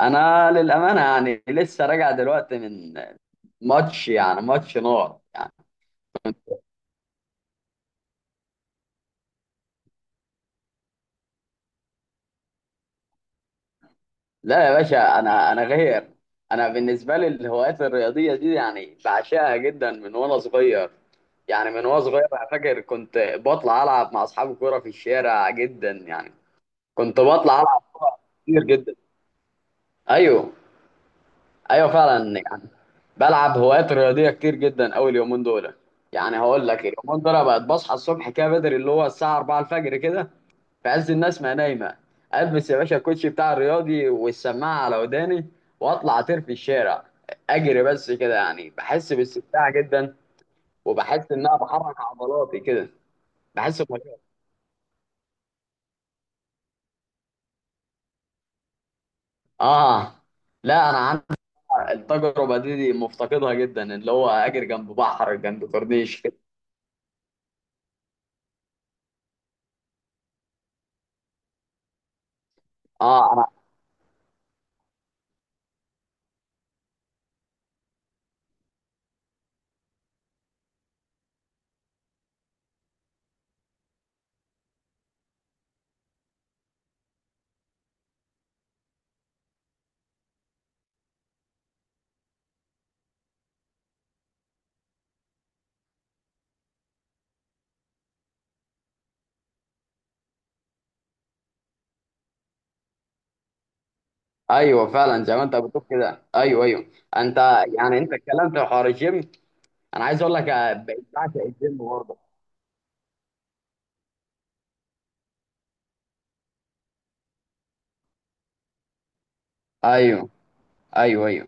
انا للامانه يعني لسه راجع دلوقتي من ماتش، يعني ماتش نار يعني. لا يا باشا، انا غير. انا بالنسبه لي الهوايات الرياضيه دي يعني بعشقها جدا من وانا صغير. انا فاكر كنت بطلع العب مع اصحابي كوره في الشارع جدا يعني. كنت بطلع العب كوره كتير جدا. ايوه. ايوه فعلا يعني، بلعب هوايات رياضيه كتير جدا. اول يومين دول يعني هقول لك، اليومين دول بقت بصحى الصبح كده بدري، اللي هو الساعه 4 الفجر كده، في عز الناس ما نايمه. البس يا باشا الكوتشي بتاع الرياضي والسماعه على وداني واطلع اطير في الشارع، اجري بس كده، يعني بحس باستمتاع جدا، وبحس ان انا بحرك عضلاتي كده. بحس ب... اه، لا انا عندي التجربه دي مفتقدها جدا، اللي هو اجري جنب بحر، جنب كورنيش كده. اه. ايوه فعلا، زي ما انت بتقول كده، ايوه، ايوه. انت يعني انت اتكلمت في حوار الجيم، انا عايز اقول لك آه، بقيت بعشق الجيم برضه. ايوه، ايوه، ايوه.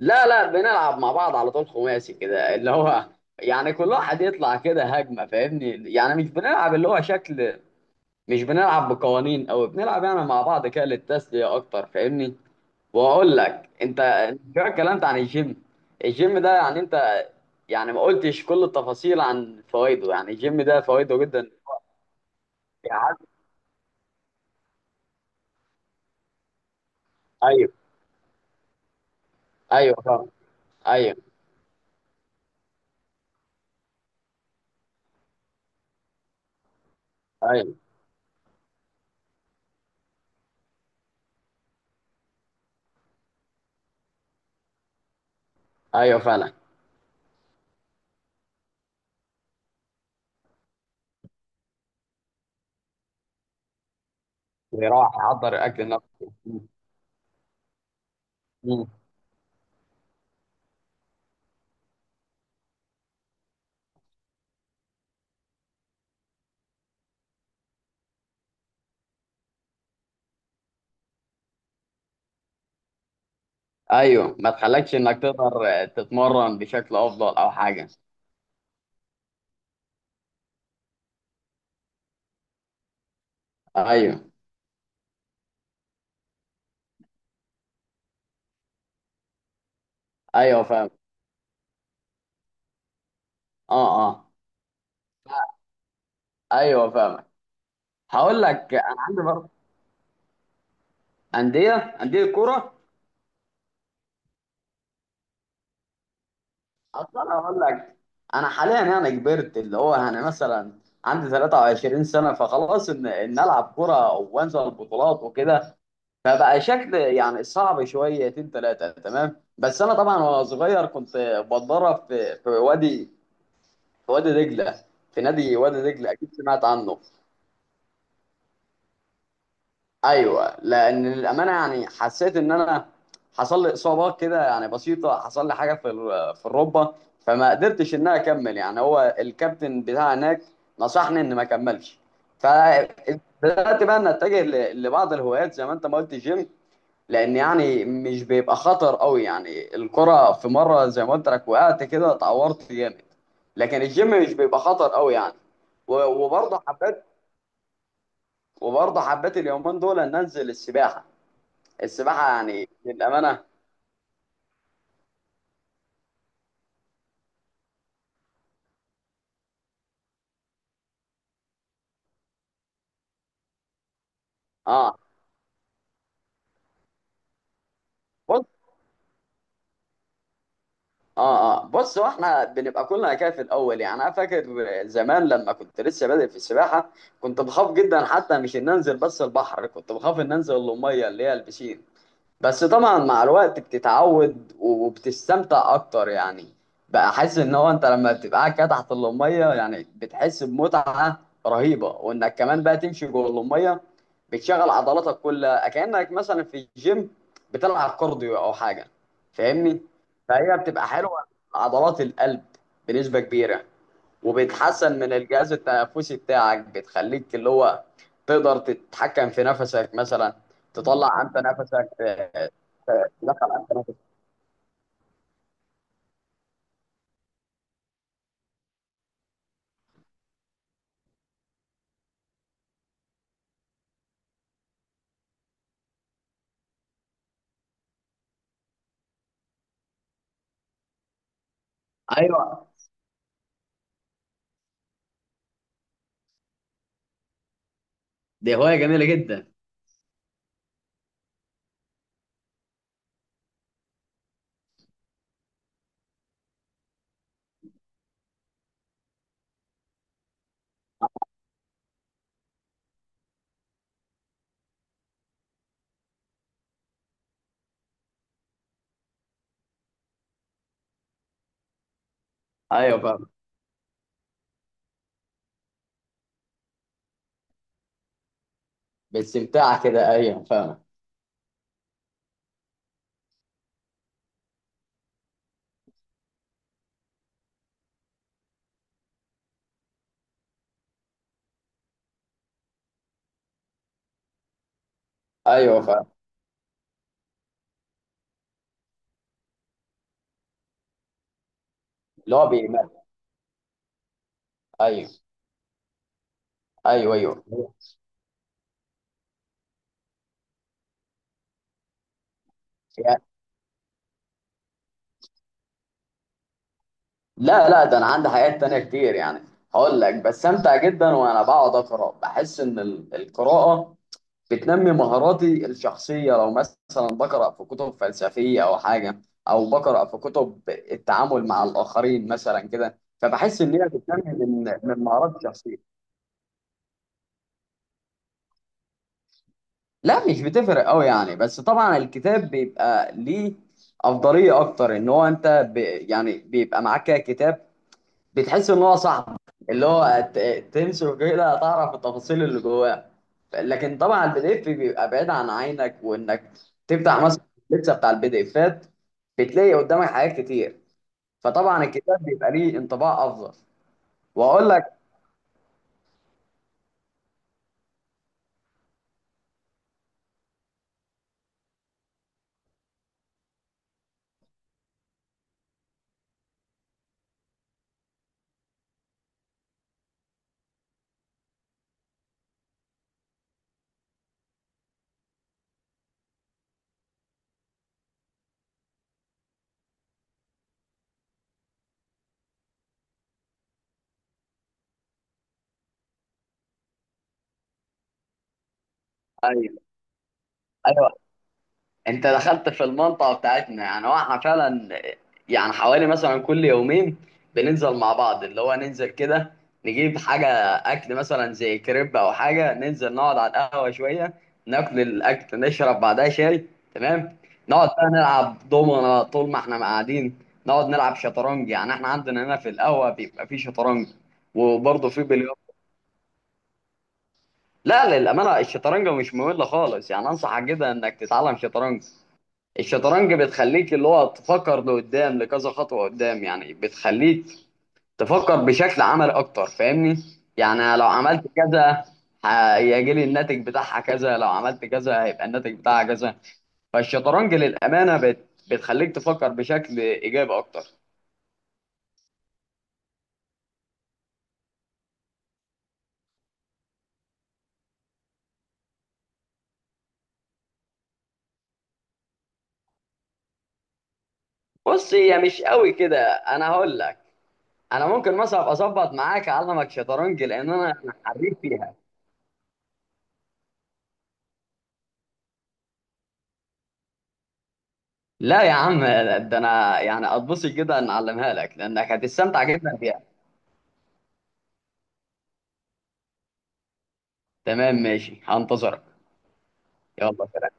لا لا، بنلعب مع بعض على طول خماسي كده، اللي هو يعني كل واحد يطلع كده هجمه، فاهمني؟ يعني مش بنلعب اللي هو شكل، مش بنلعب بقوانين، او بنلعب يعني مع بعض كده للتسليه اكتر، فاهمني؟ واقول لك، انت شويه اتكلمت عن الجيم. الجيم ده يعني انت، يعني ما قلتش كل التفاصيل عن فوائده. يعني الجيم ده فوائده جدا يعني. ايوه، ايوه فعلا. ايوه، ايوه، ايوه فعلا. ويروح يحضر اكل نفسه. مم. مم. ايوه، ما تخلكش انك تقدر تتمرن بشكل افضل او حاجه. ايوه، ايوه فاهم. اه اه. ايوه فاهم. هقول لك، انا عندي برضه انديه، انديه كوره. اصلا هقول لك، انا حاليا يعني كبرت، اللي هو يعني مثلا عندي 23 سنه، فخلاص ان العب كوره وانزل البطولات وكده فبقى شكل يعني صعب شويتين ثلاثة. تمام. بس أنا طبعا وأنا صغير كنت بتدرب في وادي في وادي دجلة، في نادي وادي دجلة، أكيد سمعت عنه. أيوه، لأن للأمانة يعني حسيت إن أنا حصل لي إصابات كده يعني بسيطة، حصل لي حاجة في في الركبة، فما قدرتش إن أنا أكمل. يعني هو الكابتن بتاع هناك نصحني إن ما أكملش، فبدأت بقى إن أتجه لبعض الهوايات زي ما أنت ما قلت، الجيم، لان يعني مش بيبقى خطر قوي. يعني الكرة في مرة زي ما قلت لك وقعت كده اتعورت جامد، لكن الجيم مش بيبقى خطر قوي يعني. وبرضه حبيت، اليومين دول ان انزل السباحة. السباحة يعني للأمانة. اه بص. اه بص، واحنا بنبقى كلنا كده في الاول. يعني انا فاكر زمان لما كنت لسه بادئ في السباحة، كنت بخاف جدا، حتى مش ان انزل بس البحر، كنت بخاف ان انزل المية اللي هي البسين، بس طبعا مع الوقت بتتعود وبتستمتع اكتر يعني. بقى حاسس ان هو انت لما بتبقى قاعد كده تحت اللميه، يعني بتحس بمتعه رهيبه، وانك كمان بقى تمشي جوه اللميه، بتشغل عضلاتك كلها كانك مثلا في الجيم بتلعب كارديو او حاجه، فاهمني؟ فهي بتبقى حلوه. عضلات القلب بنسبه كبيره، وبتحسن من الجهاز التنفسي بتاعك، بتخليك اللي هو تقدر تتحكم في نفسك، مثلا تطلع انت نفسك، دخل على التنافس. ايوه، دي هوايه جميله جدا. ايوه فاهم. باستمتاع كده، ايوه فاهم. ايوه فاهم. اللي هو بيمارس. ايوه، ايوه، ايوه. يعني... لا لا، ده انا عندي حاجات تانية كتير يعني. هقول لك بستمتع جدا وانا بقعد اقرا. بحس ان القراءه بتنمي مهاراتي الشخصيه. لو مثلا بقرا في كتب فلسفيه او حاجه، او بقرا في كتب التعامل مع الاخرين مثلا كده، فبحس ان هي بتنمي من مهاراتي الشخصيه. لا مش بتفرق قوي يعني. بس طبعا الكتاب بيبقى ليه افضليه اكتر، ان هو انت ب... يعني بيبقى معاك كده كتاب، بتحس ان هو صاحبك، اللي هو تمسكه كده، تعرف التفاصيل اللي جواه. لكن طبعا البي دي اف بيبقى بعيد عن عينك، وانك تفتح مثلا اللبسه بتاع البي دي افات، بتلاقي قدامك حاجات كتير. فطبعا الكتاب بيبقى ليه انطباع افضل. واقول لك، ايوه، ايوه. انت دخلت في المنطقه بتاعتنا يعني، واحنا فعلا يعني حوالي مثلا كل يومين بننزل مع بعض. اللي هو ننزل كده، نجيب حاجه اكل مثلا زي كريب او حاجه، ننزل نقعد على القهوه شويه، ناكل الاكل، نشرب بعدها شاي. تمام. نقعد بقى نلعب دومنا طول ما احنا قاعدين، نقعد نلعب شطرنج. يعني احنا عندنا هنا في القهوه بيبقى في شطرنج وبرضه في بلياردو. لا للامانه الشطرنج مش ممل خالص يعني، انصحك جدا انك تتعلم شطرنج. الشطرنج بتخليك اللي هو تفكر لقدام، لكذا خطوة قدام، يعني بتخليك تفكر بشكل عملي أكتر، فاهمني؟ يعني لو عملت كذا هيجي لي الناتج بتاعها كذا، لو عملت كذا هيبقى الناتج بتاعها كذا. فالشطرنج للأمانة بت... بتخليك تفكر بشكل إيجابي أكتر. بص، هي مش قوي كده، أنا هقول لك، أنا ممكن مثلا أبقى أظبط معاك أعلمك شطرنج، لأن أنا حريف فيها. لا يا عم، ده أنا يعني أتبسط جدا إن أعلمها لك، لأنك هتستمتع جدا بيها. تمام، ماشي، هنتظرك. يلا.